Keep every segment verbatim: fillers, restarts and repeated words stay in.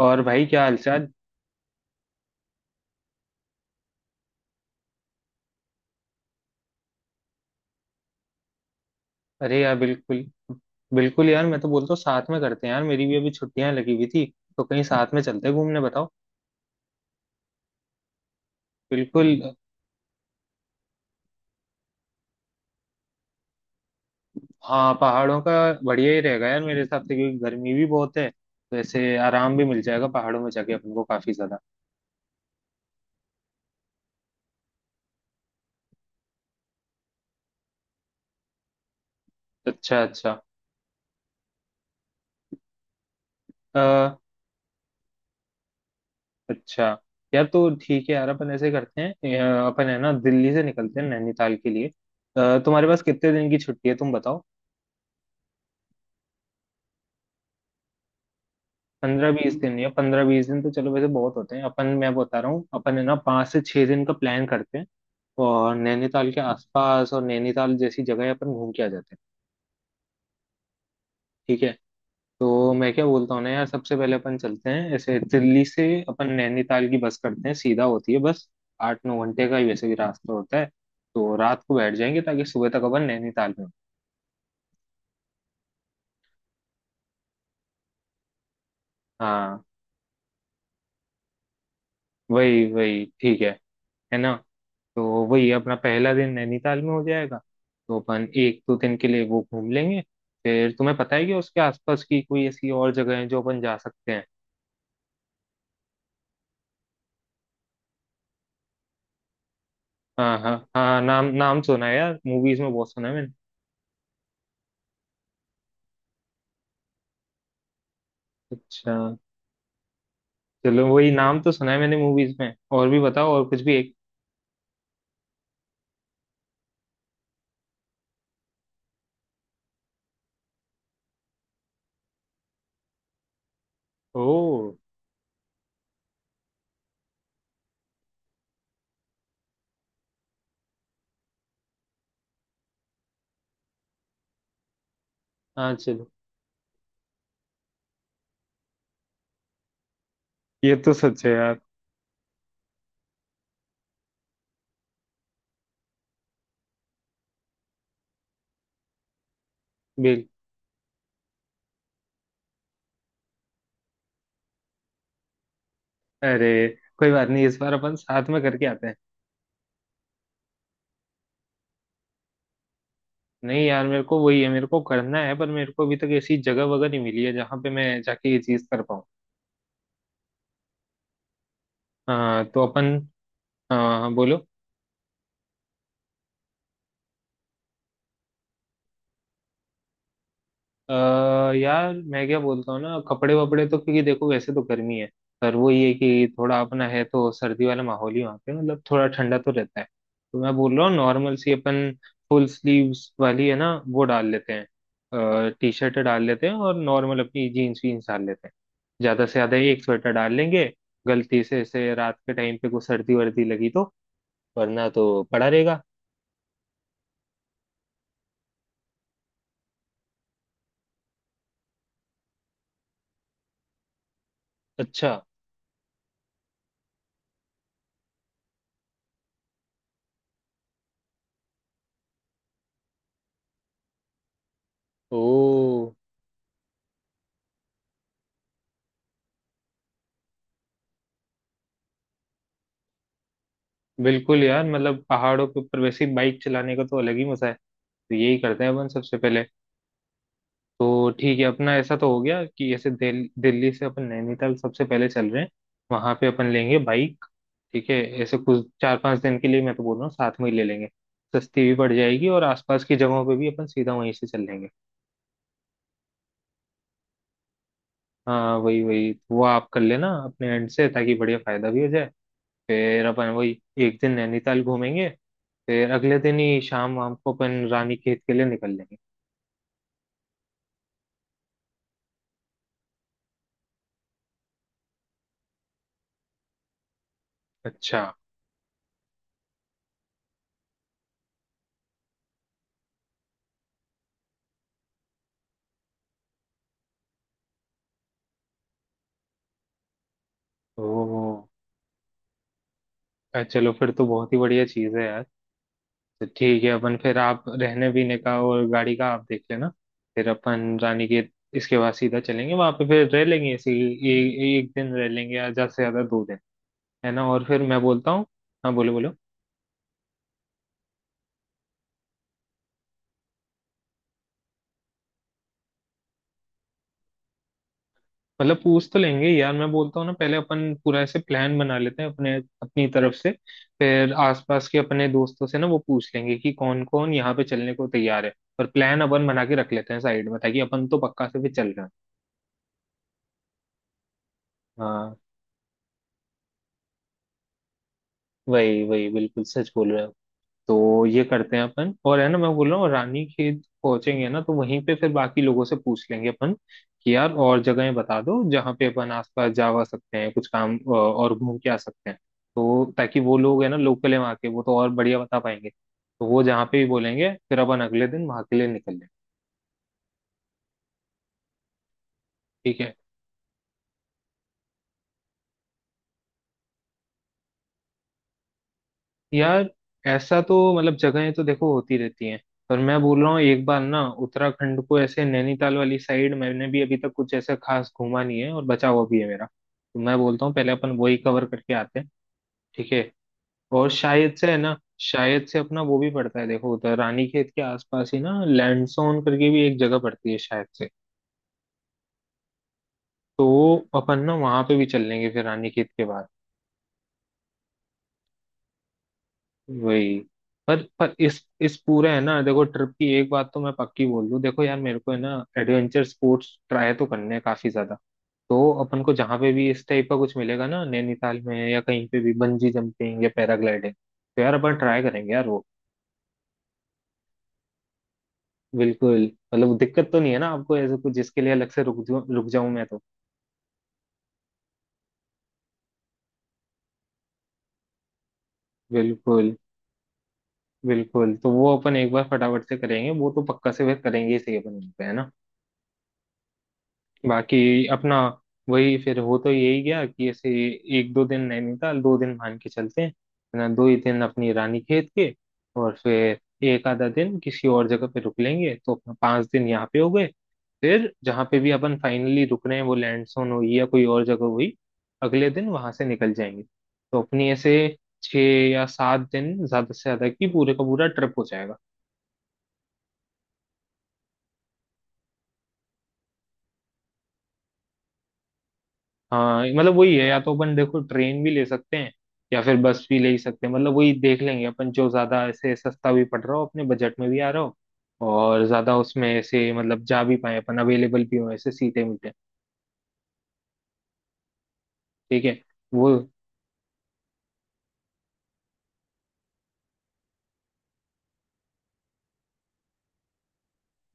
और भाई क्या हालचाल। अरे यार, बिल्कुल। बिल्कुल यार, मैं तो बोलता हूँ साथ में करते हैं यार। मेरी भी अभी छुट्टियां लगी हुई थी तो कहीं साथ में चलते हैं घूमने, बताओ। बिल्कुल। हाँ, पहाड़ों का बढ़िया ही रहेगा यार मेरे हिसाब से, क्योंकि गर्मी भी बहुत है तो ऐसे आराम भी मिल जाएगा पहाड़ों में जाके, अपन को काफी ज्यादा। अच्छा अच्छा। अ, अच्छा। यार, तो ठीक है यार, अपन ऐसे करते हैं। अ, अपन है ना दिल्ली से निकलते हैं नैनीताल के लिए। अ, तुम्हारे पास कितने दिन की छुट्टी है तुम बताओ। पंद्रह बीस दिन या पंद्रह बीस दिन तो चलो, वैसे बहुत होते हैं अपन। मैं बता रहा हूँ अपन है ना पाँच से छह दिन का प्लान करते हैं और नैनीताल के आसपास और नैनीताल जैसी जगह अपन घूम के आ जाते हैं। ठीक है। तो मैं क्या बोलता हूँ ना यार, सबसे पहले अपन चलते हैं ऐसे दिल्ली से। अपन नैनीताल की बस करते हैं, सीधा होती है बस। आठ नौ घंटे का ही वैसे भी रास्ता होता है। तो रात को बैठ जाएंगे ताकि सुबह तक अपन नैनीताल में हों। हाँ, वही वही ठीक है है ना। तो वही अपना पहला दिन नैनीताल में हो जाएगा। तो अपन एक दो दिन के लिए वो घूम लेंगे। फिर तुम्हें पता है कि उसके आसपास की कोई ऐसी और जगह है जो अपन जा सकते हैं। हाँ हाँ हाँ, नाम नाम सुना है यार, मूवीज में बहुत सुना है मैंने। अच्छा, चलो, वही नाम तो सुना है मैंने मूवीज में। और भी बताओ, और कुछ भी एक। ओ। हाँ चलो, ये तो सच है यार। बिल अरे, कोई बात नहीं, इस बार अपन साथ में करके आते हैं। नहीं यार, मेरे को वही है, मेरे को करना है, पर मेरे को अभी तक ऐसी जगह वगैरह नहीं मिली है जहाँ पे मैं जाके ये चीज कर पाऊँ। हाँ तो अपन। हाँ हाँ, बोलो। आ, यार मैं क्या बोलता हूँ ना, कपड़े वपड़े तो, क्योंकि देखो वैसे तो गर्मी है पर वो ये कि थोड़ा अपना है तो सर्दी वाला माहौल ही वहाँ पे, मतलब थोड़ा ठंडा तो रहता है। तो मैं बोल रहा हूँ नॉर्मल सी अपन फुल स्लीव्स वाली है ना वो डाल लेते हैं, टी शर्ट डाल लेते हैं और नॉर्मल अपनी जीन्स वीन्स डाल लेते हैं। ज़्यादा से ज़्यादा एक स्वेटर डाल लेंगे, गलती से ऐसे रात के टाइम पे कोई सर्दी वर्दी लगी तो, वरना तो पड़ा रहेगा। अच्छा। ओ। बिल्कुल यार, मतलब पहाड़ों के ऊपर वैसे ही बाइक चलाने का तो अलग ही मजा है। तो यही करते हैं अपन सबसे पहले। तो ठीक है, अपना ऐसा तो हो गया कि ऐसे दिल, दिल्ली से अपन नैनीताल सबसे पहले चल रहे हैं। वहां पे अपन लेंगे बाइक। ठीक है। ऐसे कुछ चार पांच दिन के लिए मैं तो बोल रहा हूँ साथ में ही ले लेंगे। सस्ती भी पड़ जाएगी और आसपास की जगहों पे भी अपन सीधा वहीं से चल लेंगे। हाँ वही वही, वो आप कर लेना अपने एंड से ताकि बढ़िया फायदा भी हो जाए। फिर अपन वही एक दिन नैनीताल घूमेंगे। फिर अगले दिन ही शाम वाम को अपन रानी खेत के लिए निकल लेंगे। अच्छा। ओ। अ, चलो फिर तो बहुत ही बढ़िया चीज़ है यार। तो ठीक है अपन, फिर आप रहने पीने का और गाड़ी का आप देख लेना। फिर अपन रानी के इसके बाद सीधा चलेंगे वहां पे, फिर रह लेंगे ऐसे ही, ए, ए, एक दिन रह लेंगे या ज्यादा से ज्यादा दो दिन, है ना। और फिर मैं बोलता हूँ। हाँ बोलो बोलो। मतलब पूछ तो लेंगे यार, मैं बोलता हूँ ना, पहले अपन पूरा ऐसे प्लान बना लेते हैं अपने, अपनी तरफ से। फिर आसपास के अपने दोस्तों से ना वो पूछ लेंगे कि कौन कौन यहाँ पे चलने को तैयार है। और प्लान अपन बना के रख लेते हैं साइड में ताकि अपन तो पक्का से भी चल रहे हैं। हाँ वही वही, बिल्कुल सच बोल रहे हो। तो ये करते हैं अपन, और है ना, मैं बोल रहा हूँ रानी खेत पहुंचेंगे ना, तो वहीं पे फिर बाकी लोगों से पूछ लेंगे अपन कि यार और जगहें बता दो जहाँ पे अपन आसपास जा वा सकते हैं, कुछ काम अ, और घूम के आ सकते हैं। तो ताकि वो लोग, है ना, लोकल है वहाँ के, वो तो और बढ़िया बता पाएंगे। तो वो जहाँ पे भी बोलेंगे फिर अपन अगले दिन वहाँ के लिए निकल लें। ठीक है। यार ऐसा तो, मतलब जगहें तो देखो होती रहती हैं, पर मैं बोल रहा हूँ एक बार ना, उत्तराखंड को ऐसे नैनीताल वाली साइड मैंने भी अभी तक कुछ ऐसा खास घूमा नहीं है और बचा हुआ भी है मेरा, तो मैं बोलता हूँ पहले अपन वही कवर करके आते हैं। ठीक है। और शायद से, है ना, शायद से अपना वो भी पड़ता है देखो, उधर रानीखेत के आसपास ही ना, लैंडसोन करके भी एक जगह पड़ती है शायद से। तो अपन ना वहां पे भी चल लेंगे फिर रानीखेत के बाद। वही, पर पर इस इस पूरे, है ना, देखो ट्रिप की एक बात तो मैं पक्की बोल दूं, देखो यार, मेरे को है ना एडवेंचर स्पोर्ट्स ट्राई तो करने हैं काफी ज्यादा। तो अपन को जहाँ पे भी इस टाइप का कुछ मिलेगा ना, नैनीताल में या कहीं पे भी, बंजी जंपिंग या पैराग्लाइडिंग, तो यार अपन ट्राई करेंगे यार वो। बिल्कुल। मतलब दिक्कत तो नहीं है ना आपको ऐसे कुछ, जिसके लिए अलग से रुक जाऊं रुक जाऊं मैं तो। बिल्कुल बिल्कुल, तो वो अपन एक बार फटाफट से करेंगे, वो तो पक्का से फिर करेंगे ही सही अपन वहीं पे, है ना। बाकी अपना वही, फिर हो तो यही गया कि ऐसे एक दो दिन नैनीताल, दो दिन मान के चलते हैं है ना, दो ही दिन अपनी रानीखेत के। और फिर एक आधा दिन किसी और जगह पे रुक लेंगे, तो अपना पांच दिन यहाँ पे हो गए। फिर जहाँ पे भी अपन फाइनली रुक रहे हैं, वो लैंड सोन हुई या कोई और जगह हुई, अगले दिन वहां से निकल जाएंगे। तो अपनी ऐसे छः या सात दिन ज्यादा से ज्यादा की पूरे का पूरा ट्रिप हो जाएगा। हाँ मतलब वही है, या तो अपन देखो ट्रेन भी ले सकते हैं या फिर बस भी ले ही सकते हैं, मतलब वही देख लेंगे अपन, जो ज्यादा ऐसे सस्ता भी पड़ रहा हो, अपने बजट में भी आ रहा हो, और ज्यादा उसमें ऐसे मतलब जा भी पाए अपन, अवेलेबल भी हो ऐसे सीटे मीटे। ठीक है। वो।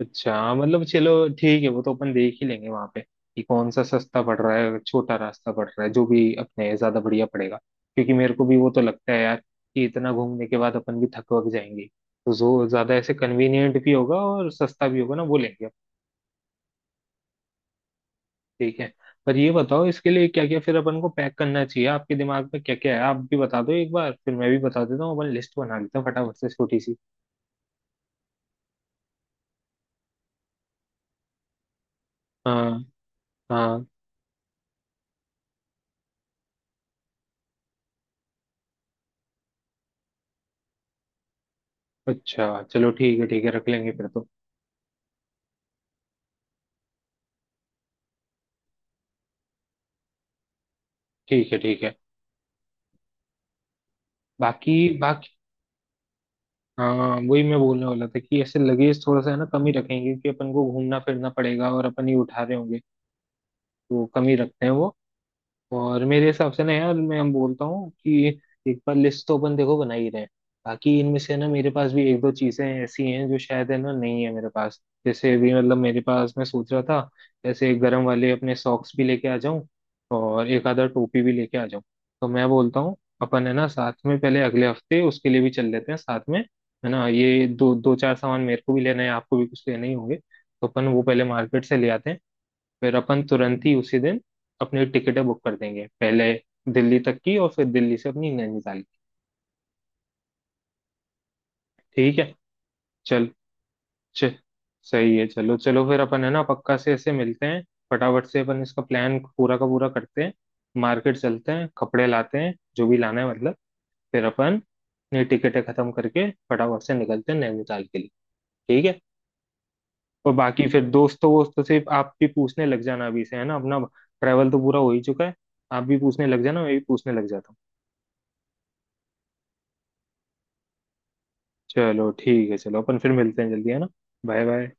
अच्छा हाँ, मतलब चलो, ठीक है वो तो अपन देख ही लेंगे वहां पे कि कौन सा सस्ता पड़ रहा है, छोटा रास्ता पड़ रहा है, जो भी अपने ज्यादा बढ़िया पड़ेगा, क्योंकि मेरे को भी वो तो लगता है यार कि इतना घूमने के बाद अपन भी थक वक जाएंगे। तो जो ज्यादा ऐसे कन्वीनियंट भी होगा और सस्ता भी होगा ना, वो लेंगे अपन। ठीक है। पर ये बताओ, इसके लिए क्या क्या फिर अपन को पैक करना चाहिए? आपके दिमाग में क्या क्या है आप भी बता दो एक बार, फिर मैं भी बता देता हूँ, अपन लिस्ट बना लेते हैं फटाफट से, छोटी सी। हाँ। हाँ। अच्छा चलो, ठीक है, ठीक है रख लेंगे फिर तो। ठीक है ठीक है। बाकी बाकी, हाँ वही मैं बोलने वाला था कि ऐसे लगेज थोड़ा सा है ना कम ही रखेंगे, कि अपन को घूमना फिरना पड़ेगा और अपन ही उठा रहे होंगे। तो कम ही रखते हैं वो। और मेरे हिसाब से ना यार, मैं हम बोलता हूँ कि एक बार लिस्ट तो अपन देखो बना ही रहे हैं। बाकी इनमें से ना मेरे पास भी एक दो चीजें ऐसी हैं जो शायद है ना नहीं है मेरे पास। जैसे अभी, मतलब मेरे पास, मैं सोच रहा था, जैसे गर्म वाले अपने सॉक्स भी लेके आ जाऊं, और एक आधा टोपी भी लेके आ जाऊं। तो मैं बोलता हूँ अपन है ना साथ में, पहले अगले हफ्ते उसके लिए भी चल लेते हैं साथ में, है ना। ये दो दो चार सामान मेरे को भी लेना है, आपको भी कुछ लेना ही होंगे। तो अपन वो पहले मार्केट से ले आते हैं। फिर अपन तुरंत ही उसी दिन अपनी टिकटें बुक कर देंगे, पहले दिल्ली तक की और फिर दिल्ली से अपनी नैनीताल की। ठीक है। चल च सही है चलो चलो, फिर अपन है ना पक्का से ऐसे मिलते हैं। फटाफट से अपन इसका प्लान पूरा का पूरा करते हैं, मार्केट चलते हैं, कपड़े लाते हैं, जो भी लाना है मतलब। फिर अपन अपनी टिकटें खत्म करके फटाफट से निकलते हैं नैनीताल के लिए। ठीक है। और बाकी फिर दोस्तों वोस्तों से आप भी पूछने लग जाना अभी से, है ना, अपना ट्रैवल तो पूरा हो ही चुका है। आप भी पूछने लग जाना, मैं भी पूछने लग जाता हूँ। चलो ठीक है, चलो अपन फिर मिलते हैं जल्दी, है ना। Bye bye.